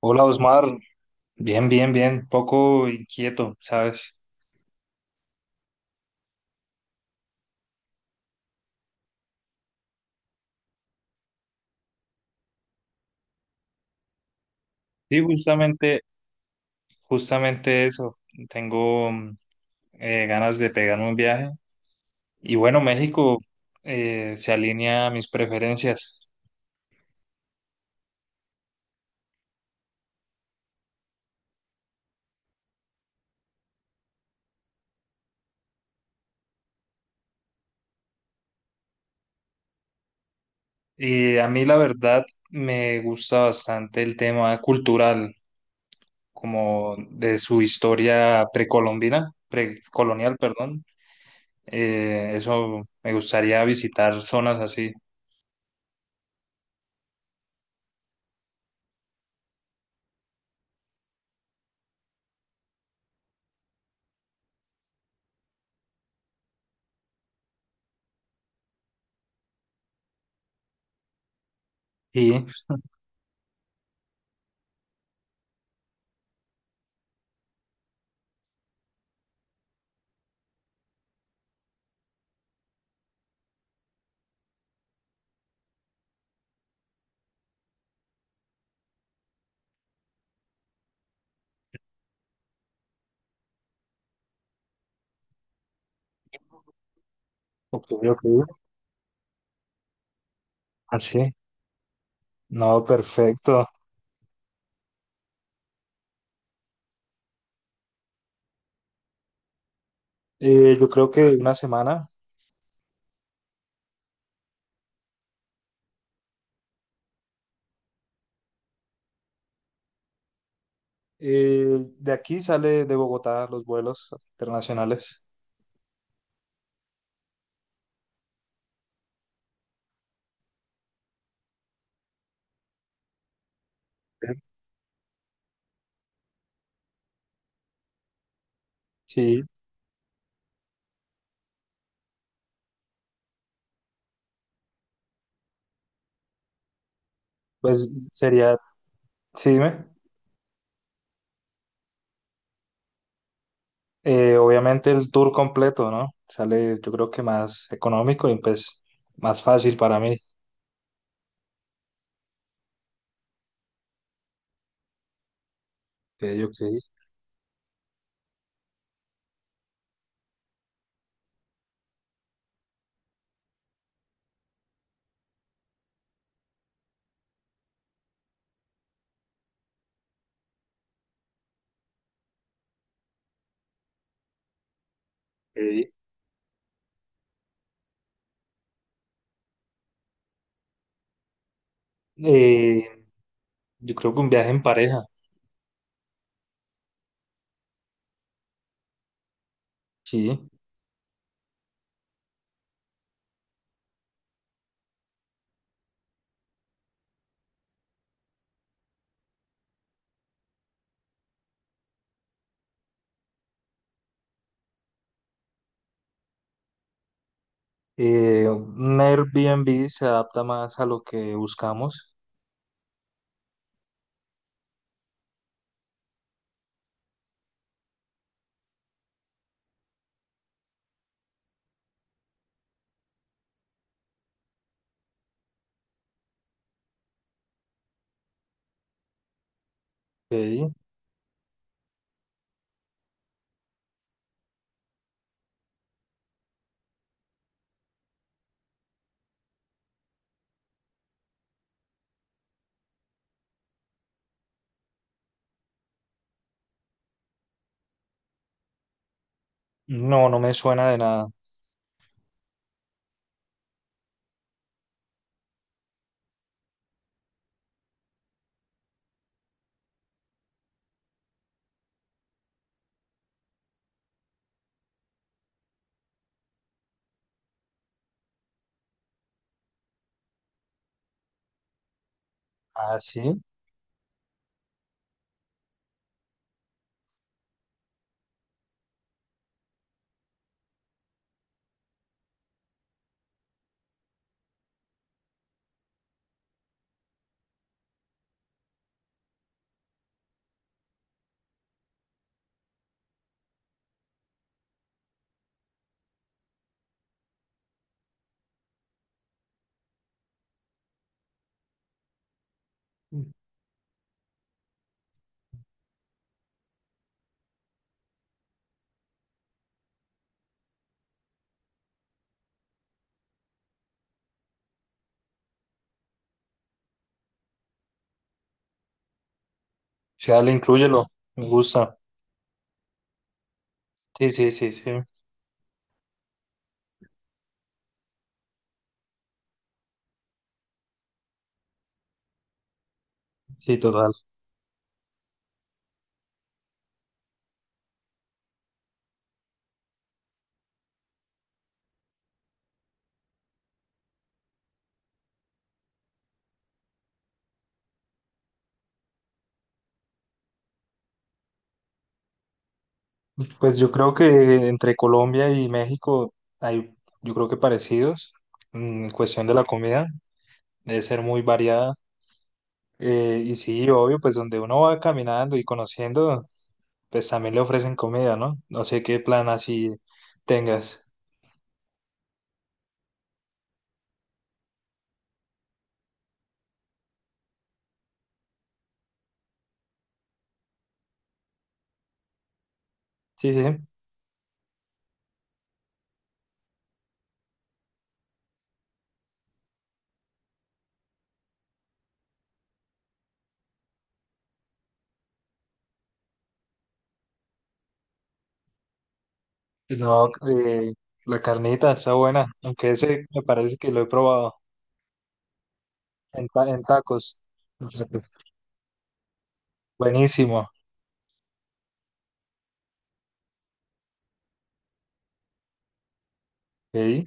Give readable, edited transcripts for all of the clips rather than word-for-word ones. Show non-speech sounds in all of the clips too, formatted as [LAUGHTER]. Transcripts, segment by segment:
Hola, Osmar, bien, bien, bien, poco inquieto, ¿sabes? Sí, justamente, justamente eso, tengo ganas de pegarme un viaje. Y bueno, México se alinea a mis preferencias. Y a mí la verdad me gusta bastante el tema cultural, como de su historia precolombina, precolonial, perdón. Eso me gustaría visitar zonas así. Y, ok, ok, así. No, perfecto. Yo creo que una semana. Eh, de aquí sale de Bogotá los vuelos internacionales. Ok. Sí, pues sería, sí, dime. Obviamente el tour completo, ¿no? Sale, yo creo que más económico y pues más fácil para mí. Ok, ok. Ok. Eh, yo creo que un viaje en pareja, sí. Un Airbnb se adapta más a lo que buscamos. Ok. No, no me suena de nada. Ah, sí. Sí, dale, inclúyelo, me gusta. Sí, sí, sí, sí, sí, total. Pues yo creo que entre Colombia y México hay, yo creo que parecidos en cuestión de la comida, debe ser muy variada. Y sí, obvio, pues donde uno va caminando y conociendo, pues también le ofrecen comida, ¿no? No sé qué plan así tengas. Sí, sí. No, la carnita está buena, aunque ese me parece que lo he probado en tacos. Buenísimo. ¿Sí?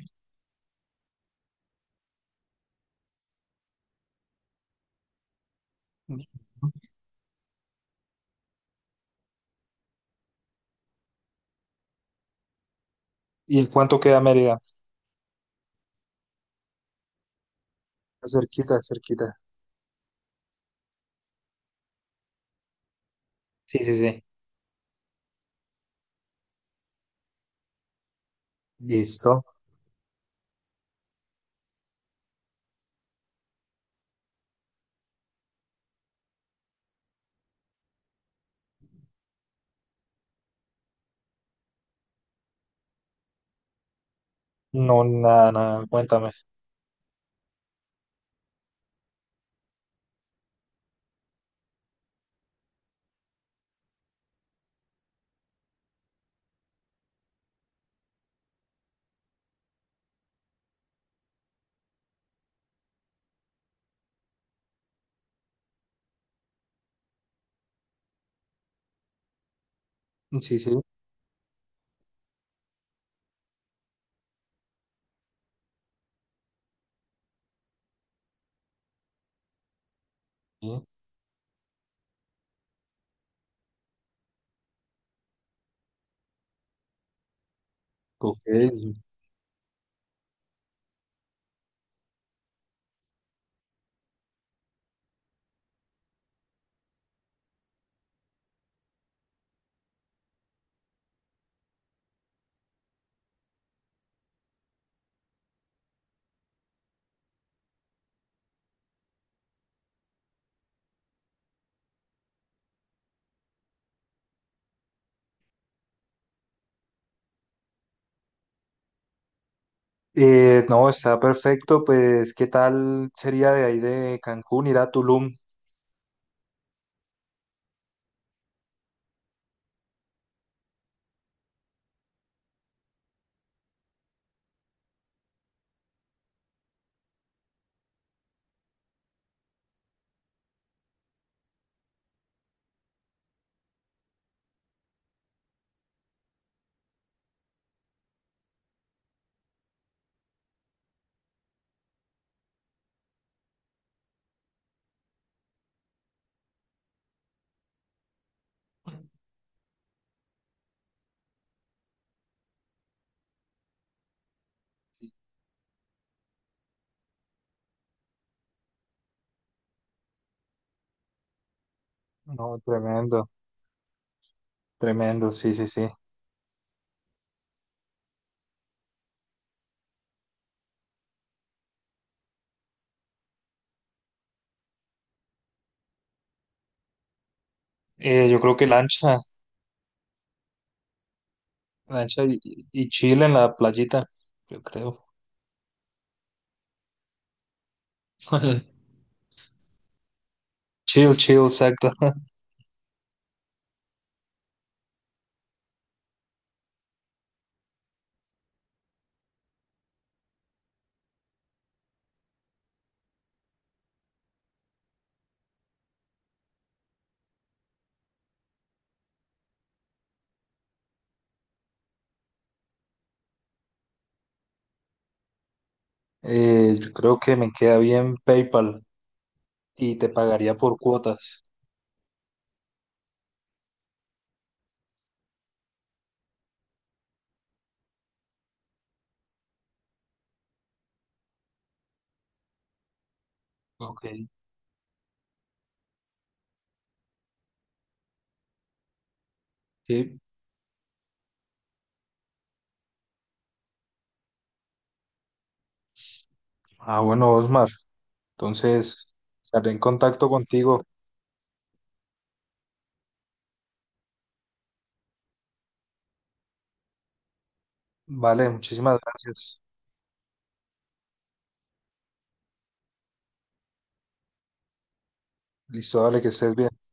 ¿Y en cuánto queda Mérida? Cerquita, cerquita. Sí, sí, sí. Listo. No, nada, nada, cuéntame. Sí, sí. Sí. Ok. No, está perfecto. Pues, ¿qué tal sería de ahí de Cancún ir a Tulum? No, tremendo, tremendo, sí, sí, sí. Yo creo que lancha, lancha y chill en la playita, yo creo. [LAUGHS] Chill, chill, exacto. [LAUGHS] Yo creo que me queda bien PayPal y te pagaría por cuotas. Ok. Sí. Ah, bueno, Osmar, entonces estaré en contacto contigo. Vale, muchísimas gracias. Listo, dale, que estés bien.